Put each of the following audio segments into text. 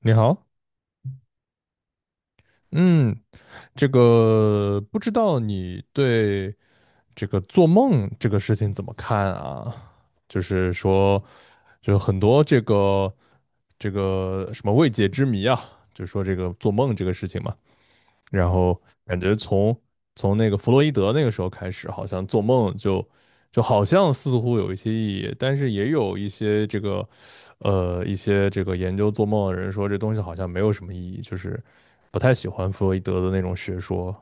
你好。嗯，这个不知道你对这个做梦这个事情怎么看啊？就是说，就很多这个什么未解之谜啊，就说这个做梦这个事情嘛。然后感觉从那个弗洛伊德那个时候开始，好像做梦就好像似乎有一些意义，但是也有一些这个研究做梦的人说这东西好像没有什么意义，就是不太喜欢弗洛伊德的那种学说。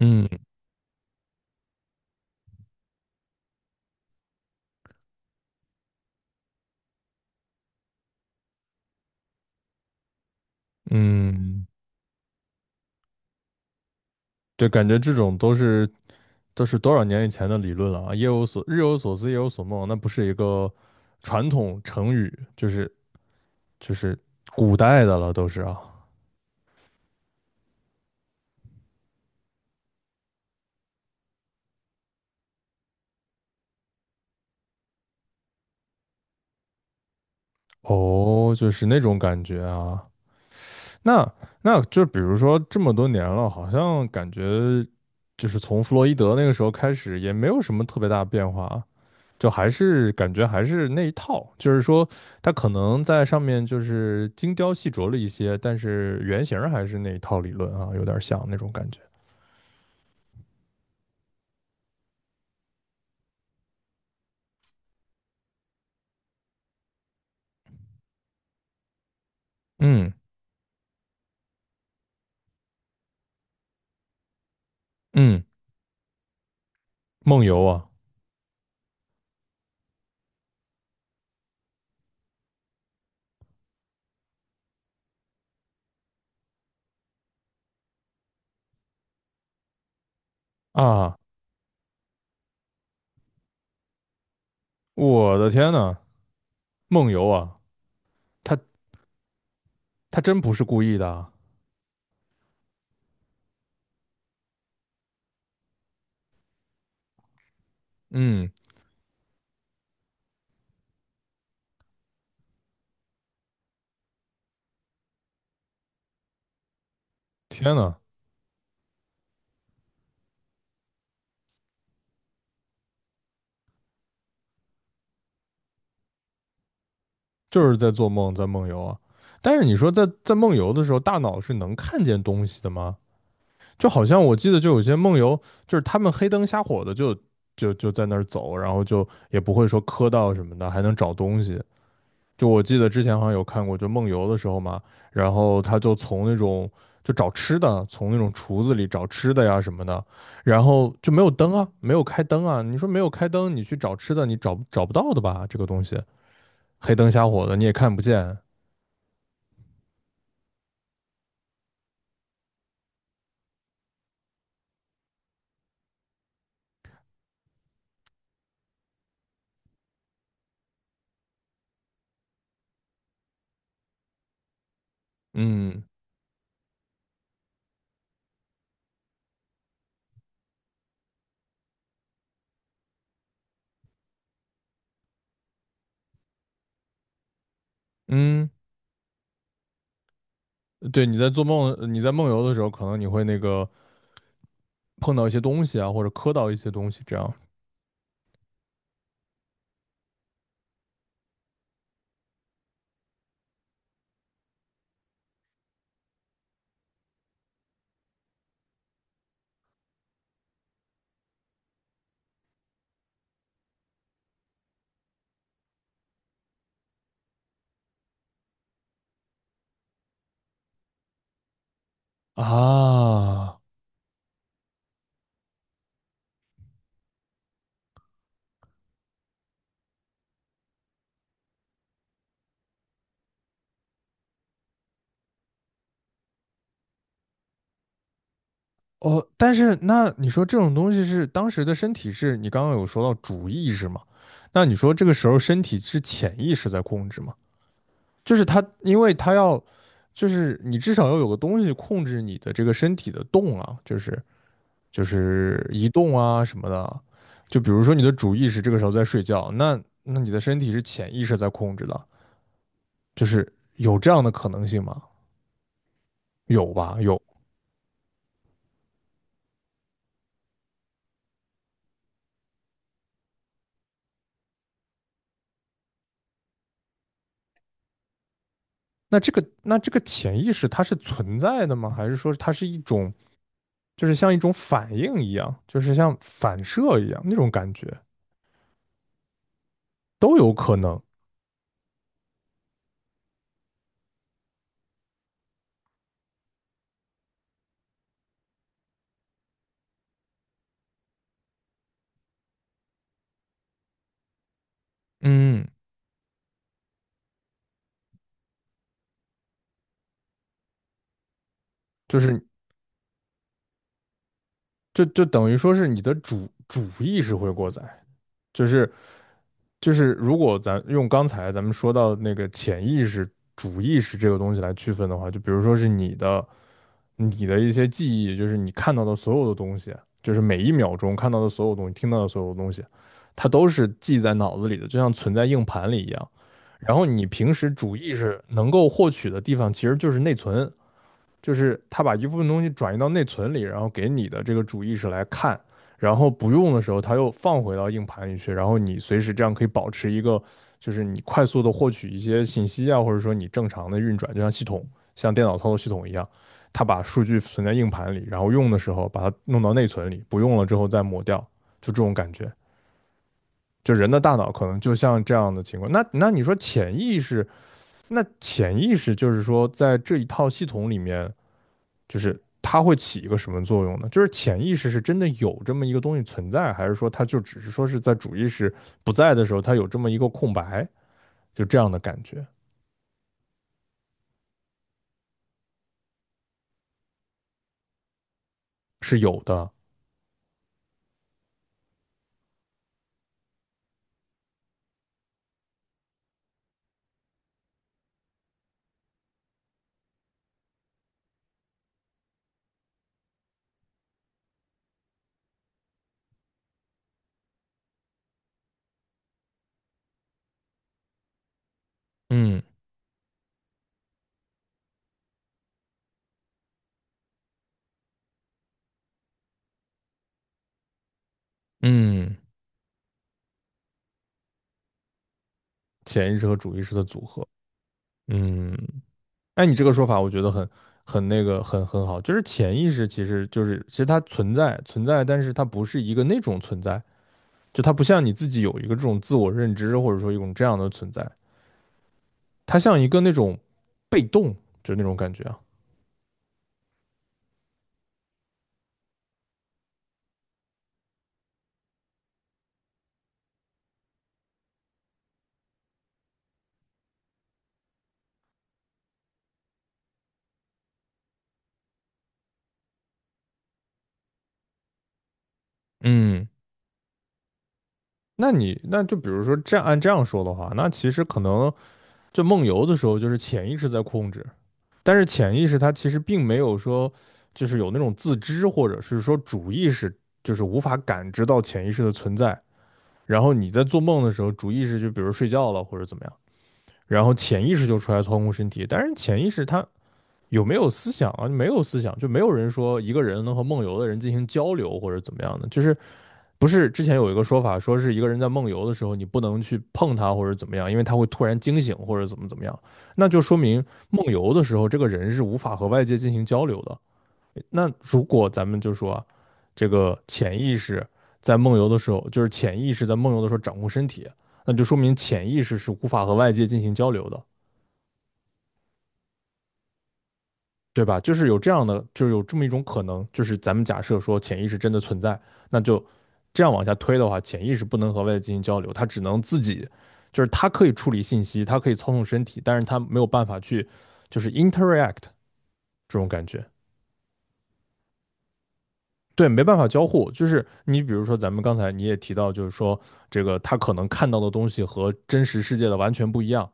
嗯嗯，对，感觉这种都是多少年以前的理论了啊。夜有所日有所思，夜有所梦，那不是一个传统成语，就是古代的了，都是啊。哦，就是那种感觉啊。那那就比如说这么多年了，好像感觉就是从弗洛伊德那个时候开始，也没有什么特别大的变化啊，就还是感觉还是那一套，就是说他可能在上面就是精雕细琢了一些，但是原型儿还是那一套理论啊，有点像那种感觉。嗯嗯。梦游啊啊，我的天呐，梦游啊。他他真不是故意的啊。嗯，天呐。就是在做梦，在梦游啊。但是你说在梦游的时候，大脑是能看见东西的吗？就好像我记得，就有些梦游，就是他们黑灯瞎火的就在那儿走，然后就也不会说磕到什么的，还能找东西。就我记得之前好像有看过，就梦游的时候嘛，然后他就从那种就找吃的，从那种厨子里找吃的呀什么的，然后就没有灯啊，没有开灯啊。你说没有开灯，你去找吃的，你找不到的吧？这个东西黑灯瞎火的，你也看不见。嗯嗯，对，你在做梦，你在梦游的时候，可能你会那个碰到一些东西啊，或者磕到一些东西，这样啊。哦，但是那你说这种东西是当时的身体是你刚刚有说到主意识嘛？那你说这个时候身体是潜意识在控制吗？就是它，因为它要，就是你至少要有个东西控制你的这个身体的动啊，就是。就是移动啊什么的。就比如说你的主意识这个时候在睡觉，那你的身体是潜意识在控制的，就是有这样的可能性吗？有吧，有。那这个潜意识它是存在的吗？还是说它是一种就是像一种反应一样，就是像反射一样那种感觉都有可能。嗯，就是等于说是你的主意识会过载，就是就是如果咱用刚才咱们说到那个潜意识、主意识这个东西来区分的话，就比如说是你的、你的一些记忆，就是你看到的所有的东西，就是每一秒钟看到的所有东西、听到的所有东西，它都是记在脑子里的，就像存在硬盘里一样。然后你平时主意识能够获取的地方，其实就是内存，就是他把一部分东西转移到内存里，然后给你的这个主意识来看，然后不用的时候他又放回到硬盘里去，然后你随时这样可以保持一个，就是你快速的获取一些信息啊，或者说你正常的运转，就像系统像电脑操作系统一样，它把数据存在硬盘里，然后用的时候把它弄到内存里，不用了之后再抹掉，就这种感觉。就人的大脑可能就像这样的情况，那你说潜意识，那潜意识就是说在这一套系统里面。就是它会起一个什么作用呢？就是潜意识是真的有这么一个东西存在，还是说它就只是说是在主意识不在的时候，它有这么一个空白，就这样的感觉是有的。嗯嗯。潜意识和主意识的组合。嗯。哎，你这个说法我觉得很很那个很很好，就是潜意识其实它存在，但是它不是一个那种存在，就它不像你自己有一个这种自我认知或者说一种这样的存在，它像一个那种被动，就那种感觉啊。嗯，那就比如说这样按这样说的话，那其实可能就梦游的时候，就是潜意识在控制，但是潜意识它其实并没有说就是有那种自知，或者是说主意识就是无法感知到潜意识的存在。然后你在做梦的时候，主意识就比如睡觉了或者怎么样，然后潜意识就出来操控身体，但是潜意识它有没有思想啊？没有思想，就没有人说一个人能和梦游的人进行交流或者怎么样的，就是不是之前有一个说法，说是一个人在梦游的时候，你不能去碰他或者怎么样，因为他会突然惊醒或者怎么怎么样，那就说明梦游的时候这个人是无法和外界进行交流的。那如果咱们就说啊这个潜意识在梦游的时候，就是潜意识在梦游的时候掌控身体，那就说明潜意识是无法和外界进行交流的。对吧？就是有这样的，就是有这么一种可能，就是咱们假设说潜意识真的存在，那就这样往下推的话，潜意识不能和外界进行交流，它只能自己，就是它可以处理信息，它可以操纵身体，但是它没有办法去就是 interact 这种感觉，对，没办法交互。就是你比如说咱们刚才你也提到，就是说这个他可能看到的东西和真实世界的完全不一样，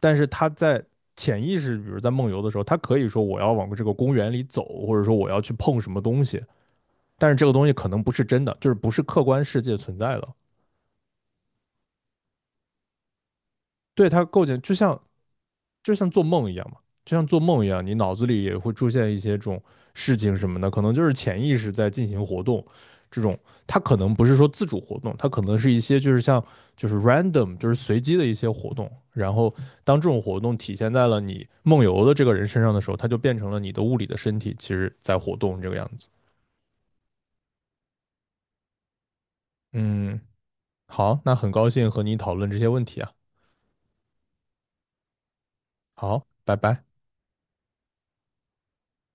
但是他在潜意识，比如在梦游的时候，他可以说我要往这个公园里走，或者说我要去碰什么东西。但是这个东西可能不是真的，就是不是客观世界存在的。对它构建，就像做梦一样嘛，就像做梦一样，你脑子里也会出现一些这种事情什么的，可能就是潜意识在进行活动。这种它可能不是说自主活动，它可能是一些就是像就是 random 就是随机的一些活动。然后当这种活动体现在了你梦游的这个人身上的时候，它就变成了你的物理的身体其实在活动这个样子。嗯，好，那很高兴和你讨论这些问题啊。好，拜拜。